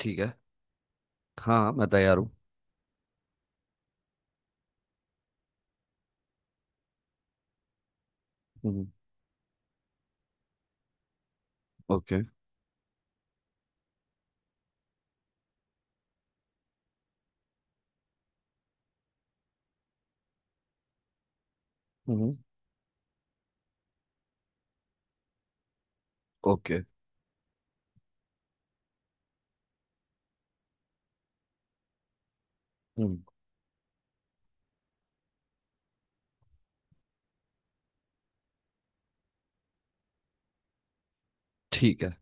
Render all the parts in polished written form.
ठीक है। हाँ हाँ, मैं तैयार हूँ। हम्म। ओके। हम्म। ओके। हम्म। ठीक है।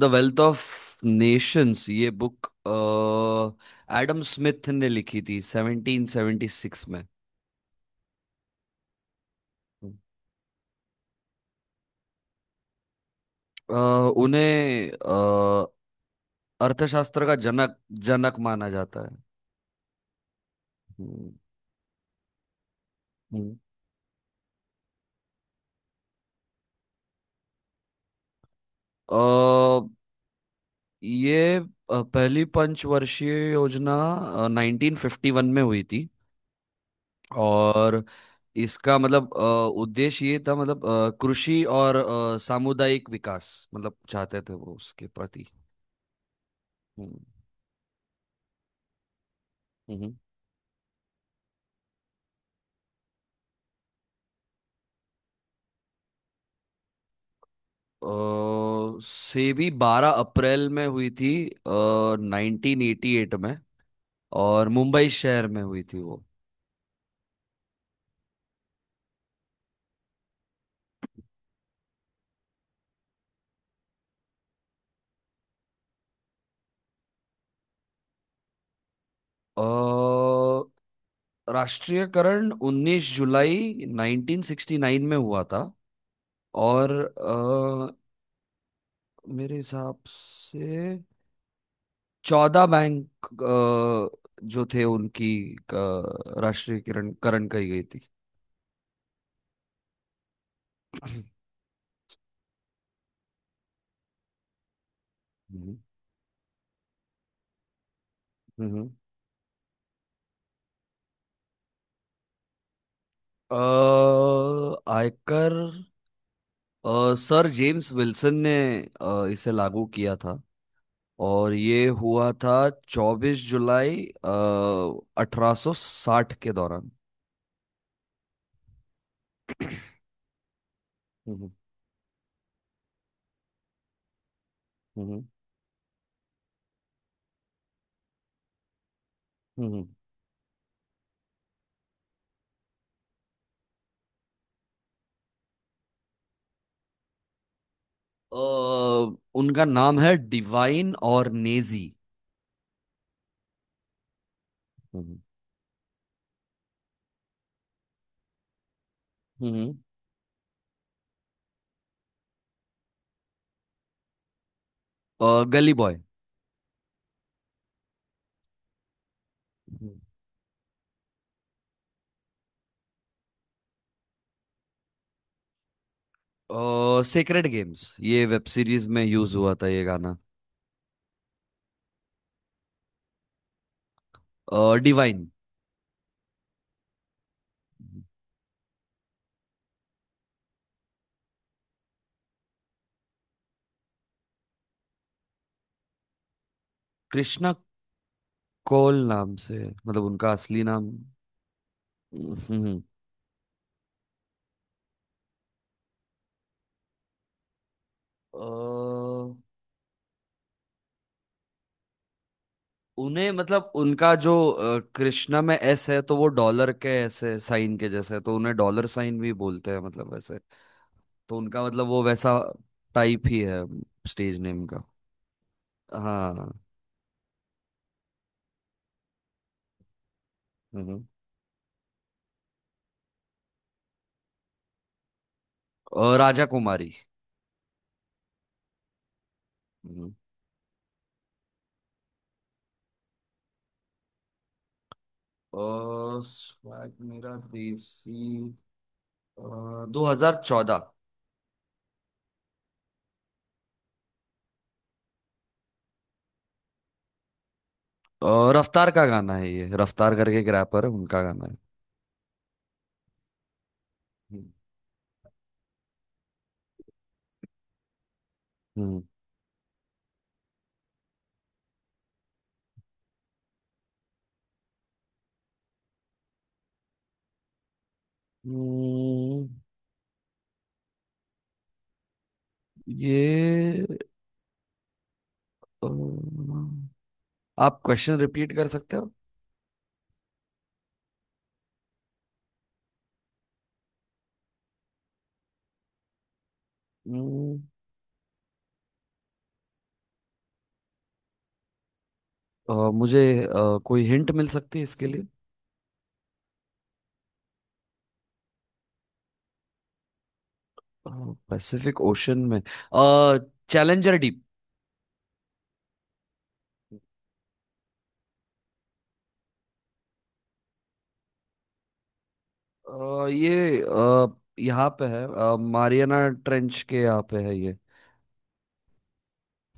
द वेल्थ ऑफ नेशंस ये बुक एडम स्मिथ ने लिखी थी 1776 में। हम्म। अ, उन्हें अर्थशास्त्र का जनक जनक माना जाता है। हम्म। हम्म। अ, ये पहली पंचवर्षीय योजना 1951 में हुई थी, और इसका मतलब उद्देश्य ये था, मतलब कृषि और सामुदायिक विकास मतलब चाहते थे वो उसके प्रति। हम्म। हम्म। सेबी 12 अप्रैल में हुई थी, 1988 में, और मुंबई शहर में हुई थी वो। अ, राष्ट्रीयकरण 19 जुलाई 1969 में हुआ था, और मेरे हिसाब से 14 बैंक जो थे उनकी राष्ट्रीयकरण करण कही गई थी। हम्म। हम्म। अ, आयकर सर जेम्स विल्सन ने इसे लागू किया था, और ये हुआ था 24 जुलाई 1860 के दौरान। हम्म। हम्म। हम्म। अ, उनका नाम है डिवाइन और नेजी। हम्म। हम्म। गली बॉय। और सेक्रेड गेम्स ये वेब सीरीज में यूज हुआ था ये गाना। और डिवाइन। कृष्णा कौल नाम से, मतलब उनका असली नाम। हम्म। अ, उन्हें मतलब उनका जो कृष्णा में एस है तो वो डॉलर के ऐसे साइन के जैसे है, तो उन्हें डॉलर साइन भी बोलते हैं, मतलब वैसे तो उनका मतलब वो वैसा टाइप ही है, स्टेज नेम का। हाँ। हम्म। और राजा कुमारी। हम्म। और स्वैग मेरा देसी 2014। और रफ्तार का गाना है ये, रफ्तार करके एक रैपर है, उनका गाना है। हम्म। हम्म। हम्म। ये, अ, आप क्वेश्चन रिपीट कर सकते हो? हम्म। मुझे कोई हिंट मिल सकती है इसके लिए? पैसिफिक ओशन में चैलेंजर डीप। ये यहाँ पे है, मारियाना ट्रेंच के यहाँ पे है ये।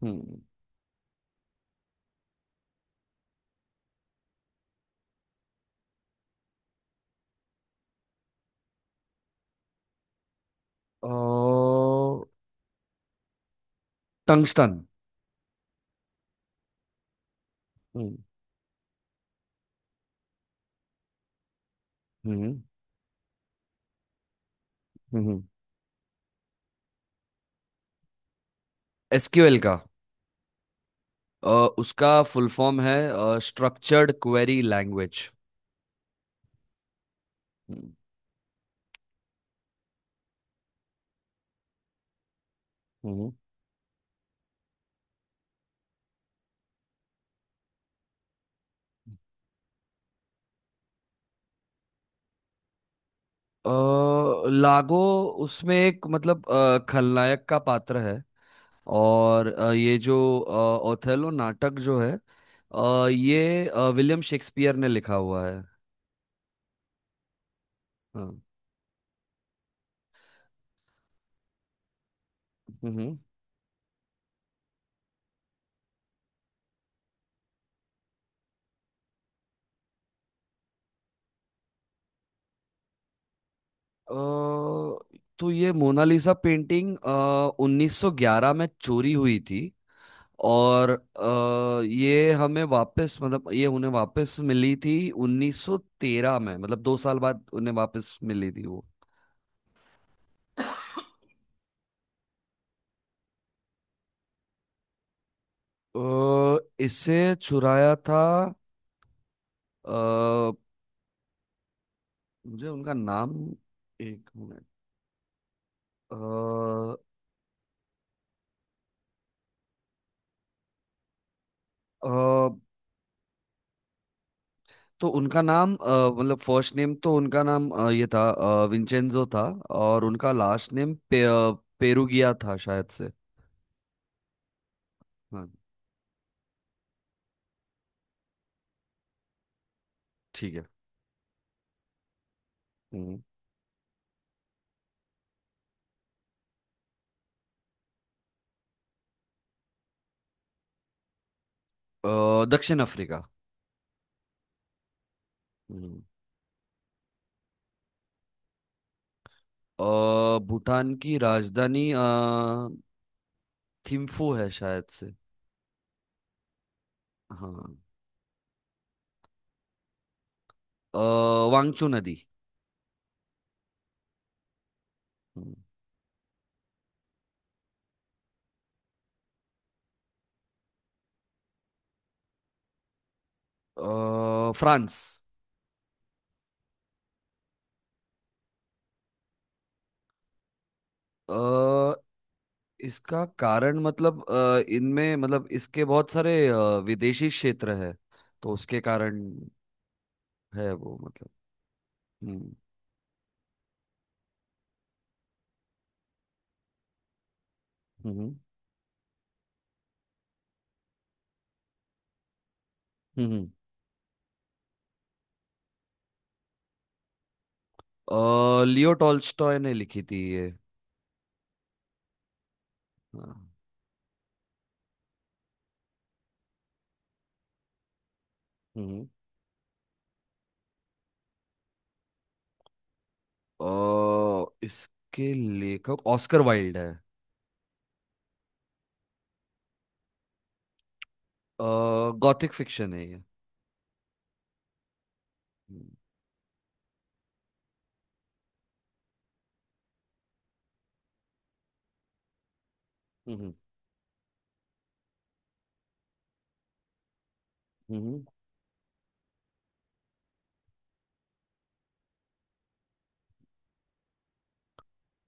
हम्म। टंगस्टन। हम्म। हम्म। हम्म। SQL का? अ, उसका फुल फॉर्म है स्ट्रक्चर्ड क्वेरी लैंग्वेज। हम्म। अ, लागो उसमें एक मतलब खलनायक का पात्र है, और ये जो ओथेलो नाटक जो है ये विलियम शेक्सपियर ने लिखा हुआ है। हाँ। हम्म। अ, तो ये मोनालिसा पेंटिंग 1911 में चोरी हुई थी, और ये हमें वापस मतलब ये उन्हें वापस मिली थी 1913 में, मतलब 2 साल बाद उन्हें वापस मिली थी वो। अ, इसे चुराया था, अ, मुझे उनका नाम, एक मिनट, अ, अ, तो उनका नाम मतलब फर्स्ट नेम, तो उनका नाम ये था, विंचेंजो था। और उनका लास्ट नेम पे, पेरुगिया था शायद से। हाँ। ठीक है। हम्म। दक्षिण अफ्रीका। हम्म। अ, भूटान की राजधानी थिम्फू है शायद से। हाँ। अ, वांगचू नदी। हम्म। फ्रांस। अ, इसका कारण मतलब इनमें मतलब इसके बहुत सारे विदेशी क्षेत्र है, तो उसके कारण है वो मतलब। हम्म। हम्म। हम्म। लियो टॉल्स्टॉय ने लिखी थी ये। हाँ। हम्म। अ, इसके लेखक ऑस्कर वाइल्ड है। गॉथिक फिक्शन है ये। हम्म। हम्म। हम्म।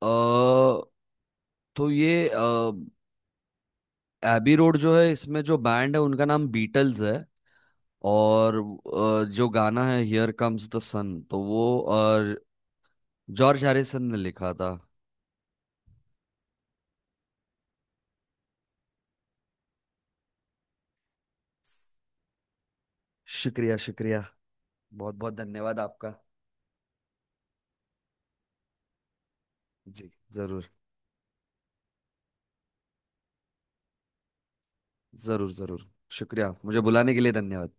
अ तो ये एबी रोड जो है इसमें जो बैंड है उनका नाम बीटल्स है, और जो गाना है हियर कम्स द सन तो वो जॉर्ज हैरिसन ने लिखा था। शुक्रिया, शुक्रिया। बहुत बहुत धन्यवाद आपका। जी जरूर। जरूर, जरूर। शुक्रिया, मुझे बुलाने के लिए धन्यवाद।